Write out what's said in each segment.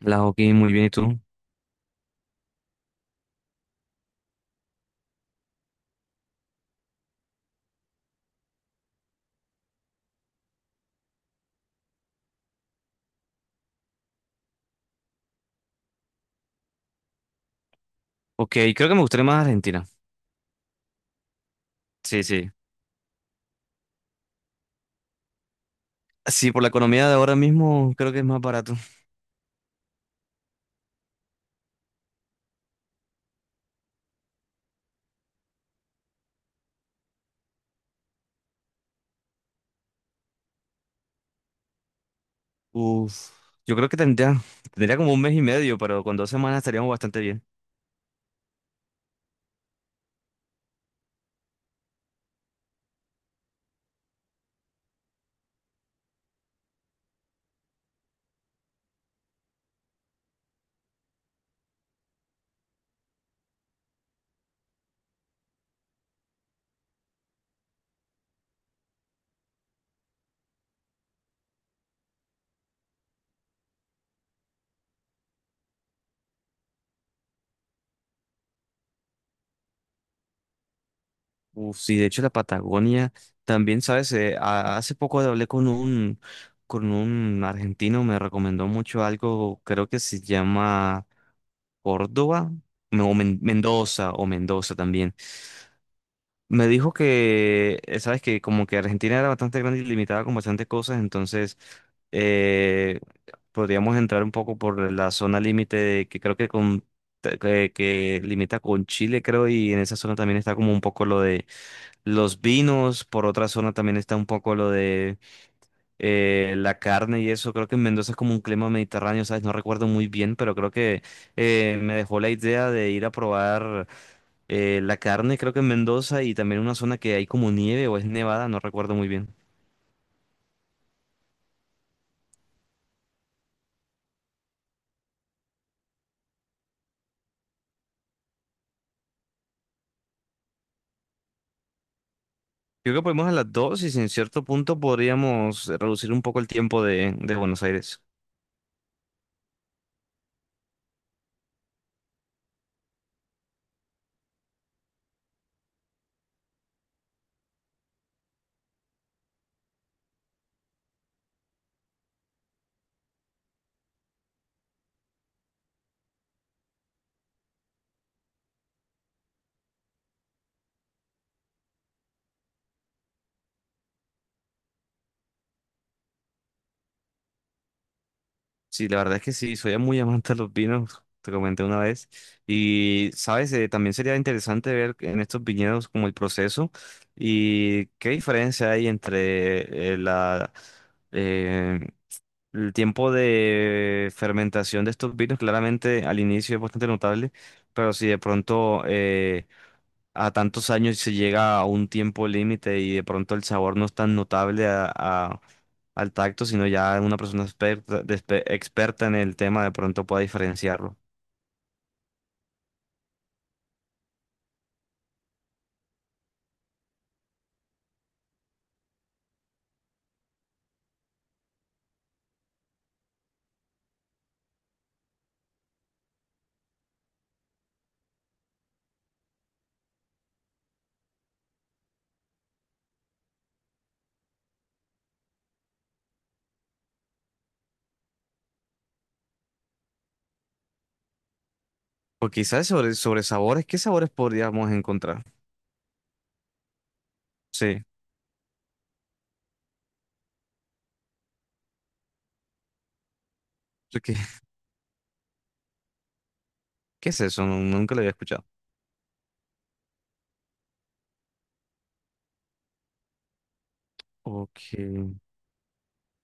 La hockey, muy bien, ¿y tú? Ok, creo que me gustaría más Argentina. Sí, sí. Sí, por la economía de ahora mismo creo que es más barato. Uf, yo creo que tendría, tendría como un mes y medio, pero con dos semanas estaríamos bastante bien. Uf, sí, de hecho la Patagonia también, ¿sabes? Hace poco hablé con con un argentino, me recomendó mucho algo, creo que se llama Córdoba, no, Mendoza o Mendoza también. Me dijo que, sabes que como que Argentina era bastante grande y limitada con bastantes cosas, entonces eh, podríamos entrar un poco por la zona que creo que que limita con Chile, creo, y en esa zona también está como un poco lo de los vinos, por otra zona también está un poco lo de la carne y eso. Creo que en Mendoza es como un clima mediterráneo, ¿sabes? No recuerdo muy bien, pero creo que me dejó la idea de ir a probar. La carne creo que en Mendoza y también una zona que hay como nieve o es nevada, no recuerdo muy bien. Creo que podemos a las dos y si en cierto punto podríamos reducir un poco el tiempo de Buenos Aires. Sí, la verdad es que sí, soy muy amante de los vinos, te comenté una vez. Y, sabes, eh, también sería interesante ver en estos viñedos como el proceso y qué diferencia hay entre eh, el tiempo de fermentación de estos vinos claramente al inicio es bastante notable, pero si de pronto a tantos años se llega a un tiempo límite y de pronto el sabor no es tan notable al tacto, sino ya una persona experta, experta en el tema de pronto pueda diferenciarlo. O quizás sobre sabores, ¿qué sabores podríamos encontrar? Sí, porque- ¿qué es eso? Nunca lo había escuchado. Ok.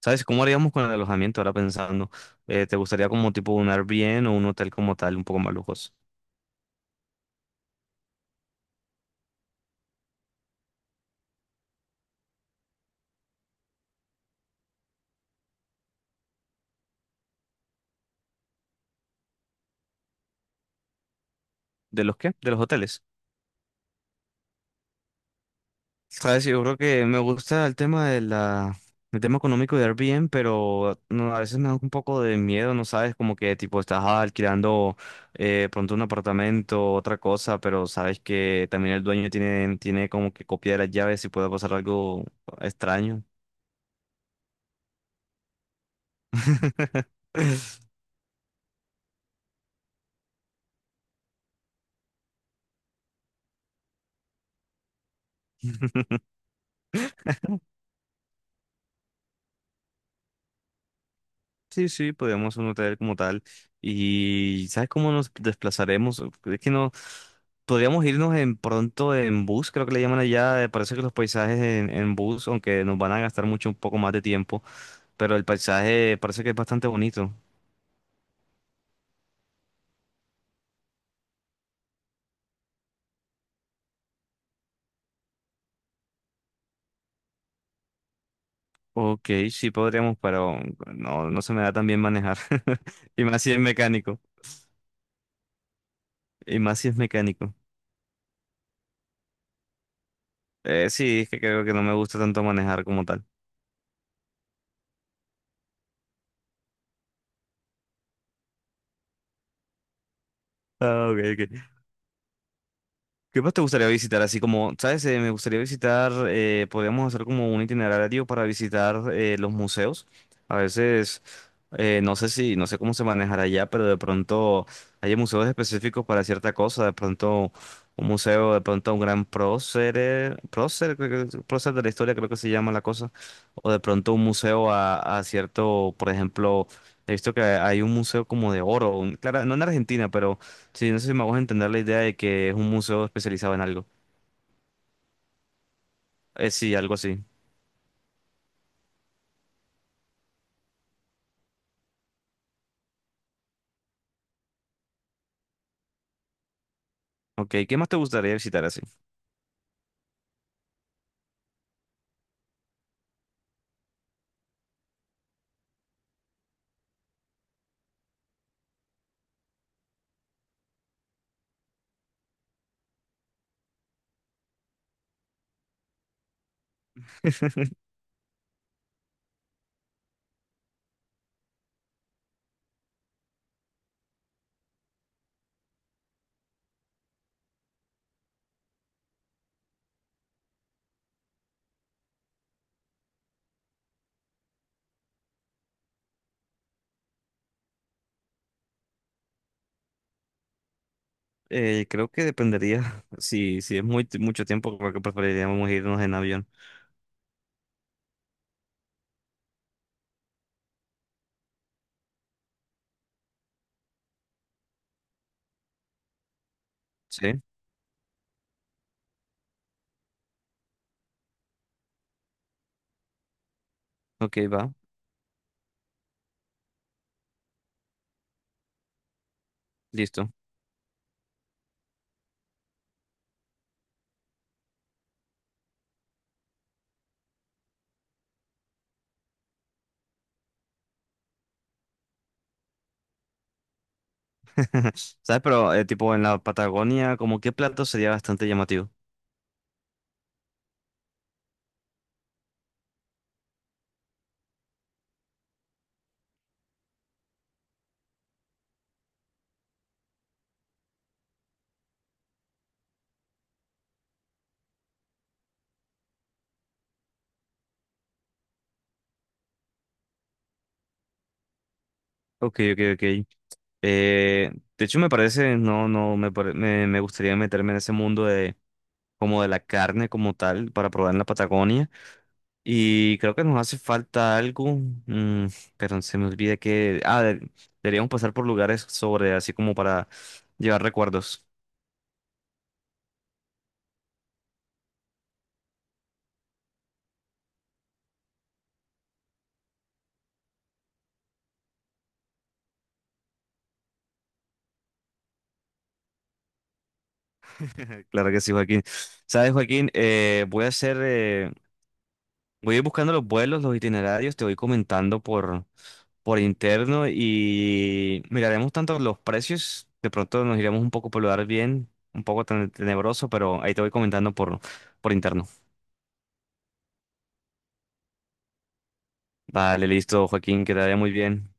¿Sabes cómo haríamos con el alojamiento ahora pensando? ¿Te gustaría como tipo un Airbnb o un hotel como tal, un poco más lujoso? ¿De los qué? De los hoteles. ¿Sabes? Yo creo que me gusta el tema de la... el tema económico de Airbnb, pero no, a veces me da un poco de miedo, ¿no sabes? Como que tipo estás alquilando pronto un apartamento, otra cosa, pero sabes que también el dueño tiene, tiene como que copia de las llaves y puede pasar algo extraño. Sí, sí, podríamos un hotel como tal. Y ¿sabes cómo nos desplazaremos? Es que no. Podríamos irnos en pronto en bus, creo que le llaman allá. Parece que los paisajes en bus, aunque nos van a gastar mucho un poco más de tiempo, pero el paisaje parece que es bastante bonito. Ok, sí podríamos, pero no, no se me da tan bien manejar. Y más si es mecánico. Y más si es mecánico. Sí, es que creo que no me gusta tanto manejar como tal. Ah, ok, ok. ¿Qué más te gustaría visitar? Así como, ¿sabes? Me gustaría visitar, podríamos hacer como un itinerario para visitar los museos. A veces, no sé si, no sé cómo se manejará allá, pero de pronto hay museos específicos para cierta cosa. De pronto, un museo, de pronto un gran prócer de la historia, creo que se llama la cosa. O de pronto un museo a cierto, por ejemplo, he visto que hay un museo como de oro. Claro, no en Argentina, pero sí, no sé si me hago entender la idea de que es un museo especializado en algo. Sí, algo así. Ok, ¿qué más te gustaría visitar así? Creo que dependería. Si es muy, mucho tiempo, creo que preferiríamos irnos en avión. Sí, ok, va, listo. ¿Sabes? Pero tipo en la Patagonia, como qué plato sería bastante llamativo. Ok, ok, ok. Eh, de hecho, me parece, no, no, me, pare- me gustaría meterme en ese mundo de como de la carne como tal para probar en la Patagonia. Y creo que nos hace falta algo, mm, pero se me olvida que... Deberíamos pasar por lugares sobre, así como para llevar recuerdos. Claro que sí, Joaquín. Sabes, Joaquín, voy a hacer, voy a ir buscando los vuelos, los itinerarios, te voy comentando por interno y miraremos tanto los precios, de pronto nos iremos un poco por lugar bien, un poco tenebroso, pero ahí te voy comentando por interno. Vale, listo, Joaquín, que te vaya muy bien.